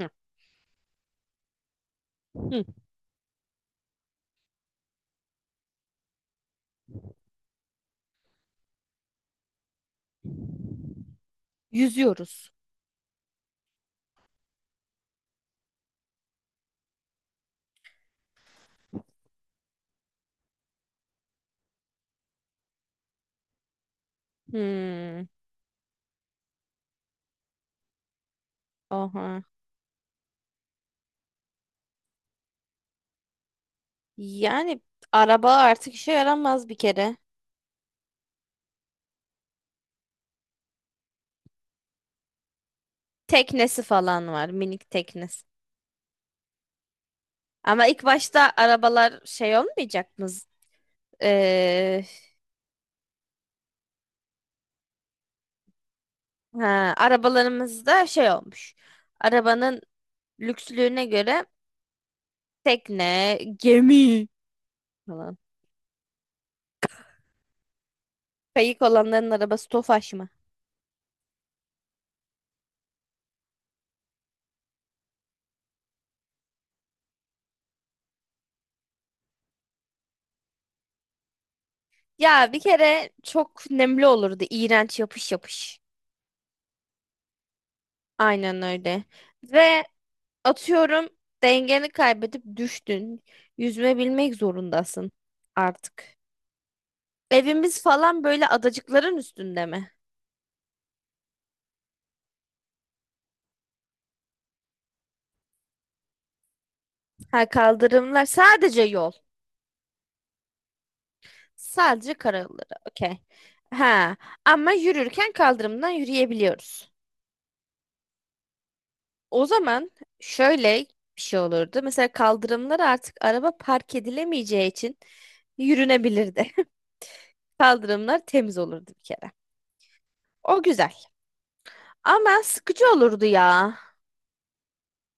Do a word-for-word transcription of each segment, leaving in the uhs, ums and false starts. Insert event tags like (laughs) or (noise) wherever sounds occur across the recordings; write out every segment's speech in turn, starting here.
Hı. Hı. Yüzüyoruz. Hmm, oha. Yani araba artık işe yaramaz bir kere. Teknesi falan var, minik teknesi. Ama ilk başta arabalar şey olmayacak mı? Ee, ha, arabalarımızda şey olmuş. Arabanın lükslüğüne göre tekne, gemi falan. Kayık olanların arabası Tofaş mı? Ya bir kere çok nemli olurdu. İğrenç yapış yapış. Aynen öyle. Ve atıyorum, dengeni kaybedip düştün. Yüzme bilmek zorundasın artık. Evimiz falan böyle adacıkların üstünde mi? Ha, kaldırımlar sadece yol. Sadece karaları. Okey. Ha, ama yürürken kaldırımdan yürüyebiliyoruz. O zaman şöyle bir şey olurdu. Mesela kaldırımlar artık araba park edilemeyeceği için yürünebilirdi. (laughs) Kaldırımlar temiz olurdu bir kere. O güzel. Ama sıkıcı olurdu ya.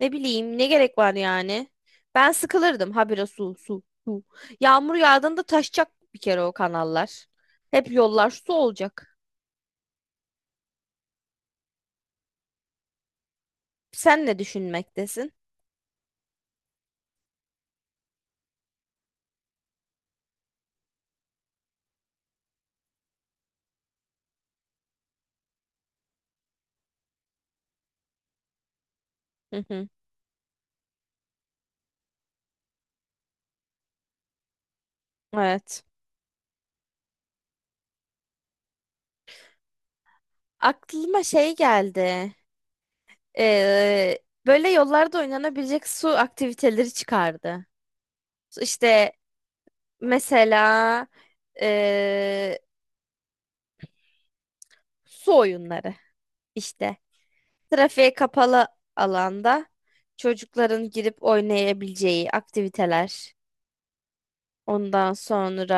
Ne bileyim, ne gerek var yani? Ben sıkılırdım habire su su su. Yağmur yağdığında taşacak bir kere o kanallar. Hep yollar su olacak. Sen ne düşünmektesin? Hı hı. Evet. Aklıma şey geldi. Ee, böyle yollarda oynanabilecek su aktiviteleri çıkardı. İşte mesela ee, su oyunları işte. Trafiğe kapalı alanda çocukların girip oynayabileceği aktiviteler. Ondan sonra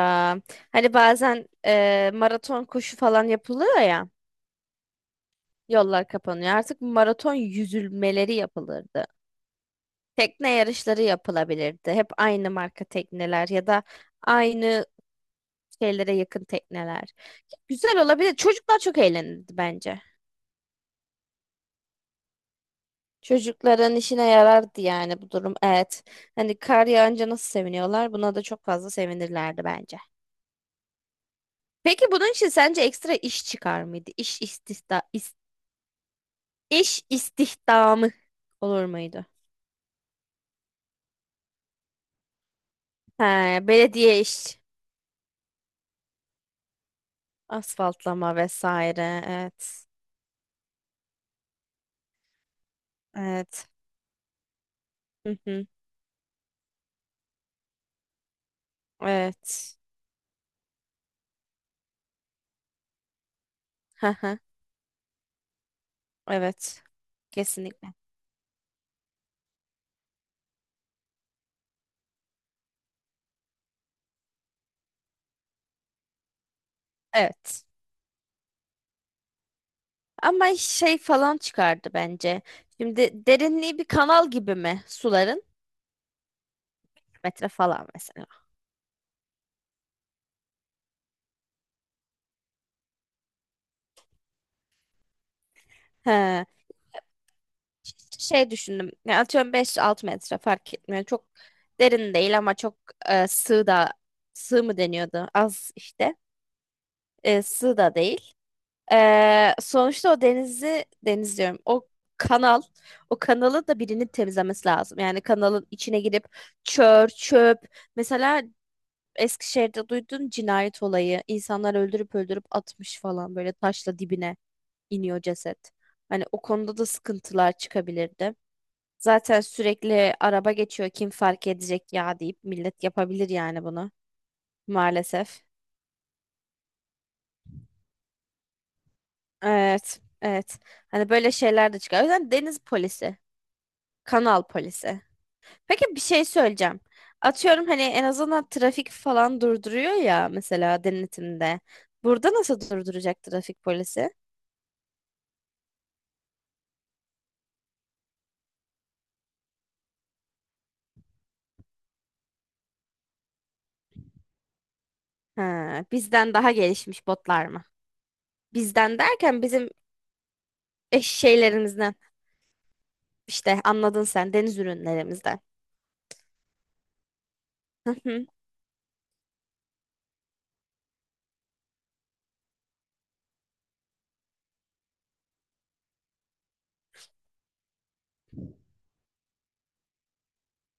hani bazen e, maraton koşu falan yapılıyor ya. Yollar kapanıyor. Artık maraton yüzülmeleri yapılırdı. Tekne yarışları yapılabilirdi. Hep aynı marka tekneler ya da aynı şeylere yakın tekneler. Güzel olabilir. Çocuklar çok eğlenirdi bence. Çocukların işine yarardı yani bu durum. Evet. Hani kar yağınca nasıl seviniyorlar? Buna da çok fazla sevinirlerdi bence. Peki bunun için sence ekstra iş çıkar mıydı? İş istihda is- iş istihdamı olur muydu? He, belediye iş, asfaltlama vesaire. Evet. Evet. Hı hı. Evet. Hı hı. Evet. Kesinlikle. Evet. Ama şey falan çıkardı bence. Şimdi derinliği bir kanal gibi mi suların? Metre falan mesela. He. İşte şey düşündüm. Ya atıyorum beş altı metre fark etmiyor. Çok derin değil ama çok e, sığ da sığ mı deniyordu? Az işte. E, sığ da değil. E, sonuçta o denizi deniz diyorum. O kanal o kanalı da birinin temizlemesi lazım. Yani kanalın içine girip çör, çöp. Mesela Eskişehir'de duyduğun cinayet olayı. İnsanlar öldürüp öldürüp atmış falan, böyle taşla dibine iniyor ceset. Hani o konuda da sıkıntılar çıkabilirdi. Zaten sürekli araba geçiyor, kim fark edecek ya deyip millet yapabilir yani bunu, maalesef. Evet, evet. Hani böyle şeyler de çıkıyor. O yüzden deniz polisi, kanal polisi. Peki, bir şey söyleyeceğim. Atıyorum hani en azından trafik falan durduruyor ya mesela denetimde. Burada nasıl durduracak trafik polisi? Ha, bizden daha gelişmiş botlar mı? Bizden derken bizim eş şeylerimizden, işte anladın sen, deniz ürünlerimizden. (clears throat)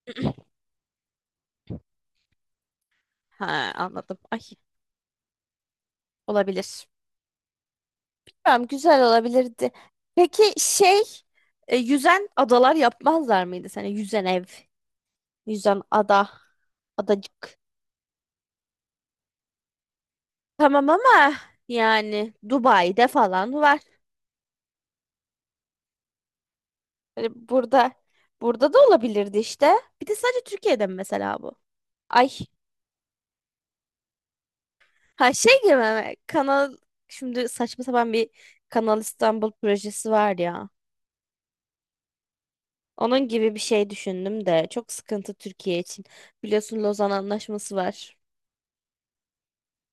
(laughs) Ha, anladım. Ay. Olabilir. Tamam, güzel olabilirdi. Peki şey, e, yüzen adalar yapmazlar mıydı sana? Yüzen ev, yüzen ada, adacık. Tamam ama yani Dubai'de falan var. Hani burada burada da olabilirdi işte. Bir de sadece Türkiye'de mi mesela bu? Ay, ha şey gibi mi? Kanal, şimdi saçma sapan bir Kanal İstanbul projesi var ya. Onun gibi bir şey düşündüm de çok sıkıntı Türkiye için. Biliyorsun, Lozan Anlaşması var.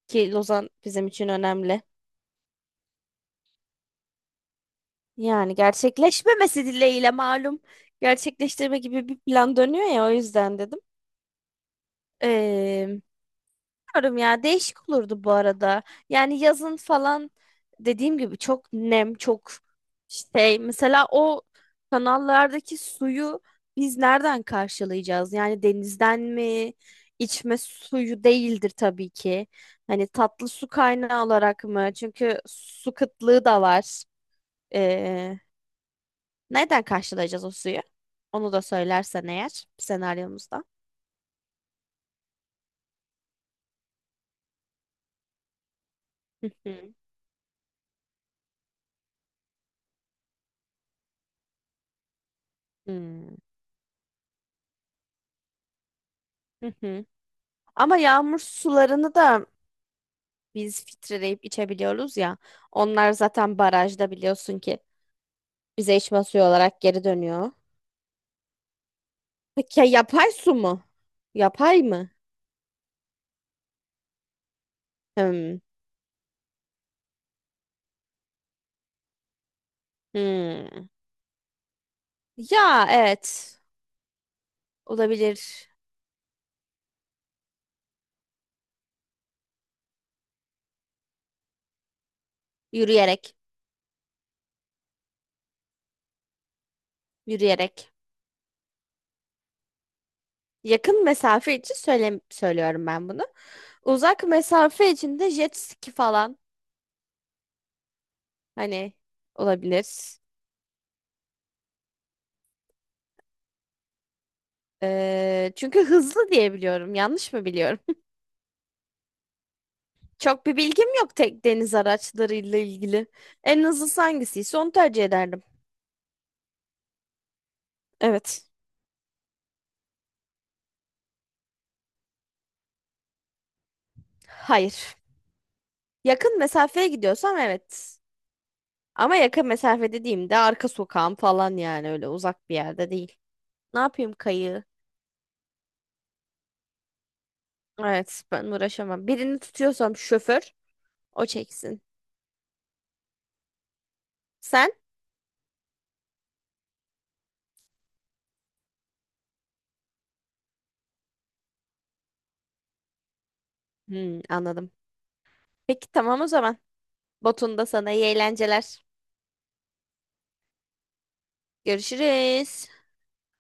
Ki Lozan bizim için önemli. Yani gerçekleşmemesi dileğiyle, malum. Gerçekleştirme gibi bir plan dönüyor ya, o yüzden dedim. Ee, bilmiyorum ya, değişik olurdu bu arada. Yani yazın falan, dediğim gibi, çok nem, çok şey. Mesela o kanallardaki suyu biz nereden karşılayacağız? Yani denizden mi? İçme suyu değildir tabii ki. Hani tatlı su kaynağı olarak mı? Çünkü su kıtlığı da var. Ee, nereden karşılayacağız o suyu? Onu da söylersen eğer senaryomuzda. Hı hı. Hmm. Hı hı. Ama yağmur sularını da biz filtreleyip içebiliyoruz ya. Onlar zaten barajda, biliyorsun ki bize içme suyu olarak geri dönüyor. Peki ya yapay su mu? Yapay mı? Hmm. Hmm. Ya evet. Olabilir. Yürüyerek. Yürüyerek. Yakın mesafe için söyle söylüyorum ben bunu. Uzak mesafe içinde jet ski falan, hani, olabilir. Ee, çünkü hızlı diye biliyorum. Yanlış mı biliyorum? (laughs) Çok bir bilgim yok tek deniz araçlarıyla ilgili. En hızlısı hangisiyse onu tercih ederdim. Evet. Hayır. Yakın mesafeye gidiyorsam evet. Ama yakın mesafe dediğimde arka sokağım falan, yani öyle uzak bir yerde değil. Ne yapayım kayığı? Evet, ben uğraşamam. Birini tutuyorsam şoför, o çeksin. Sen? Hmm, anladım. Peki tamam o zaman. Botunda sana iyi eğlenceler. Görüşürüz.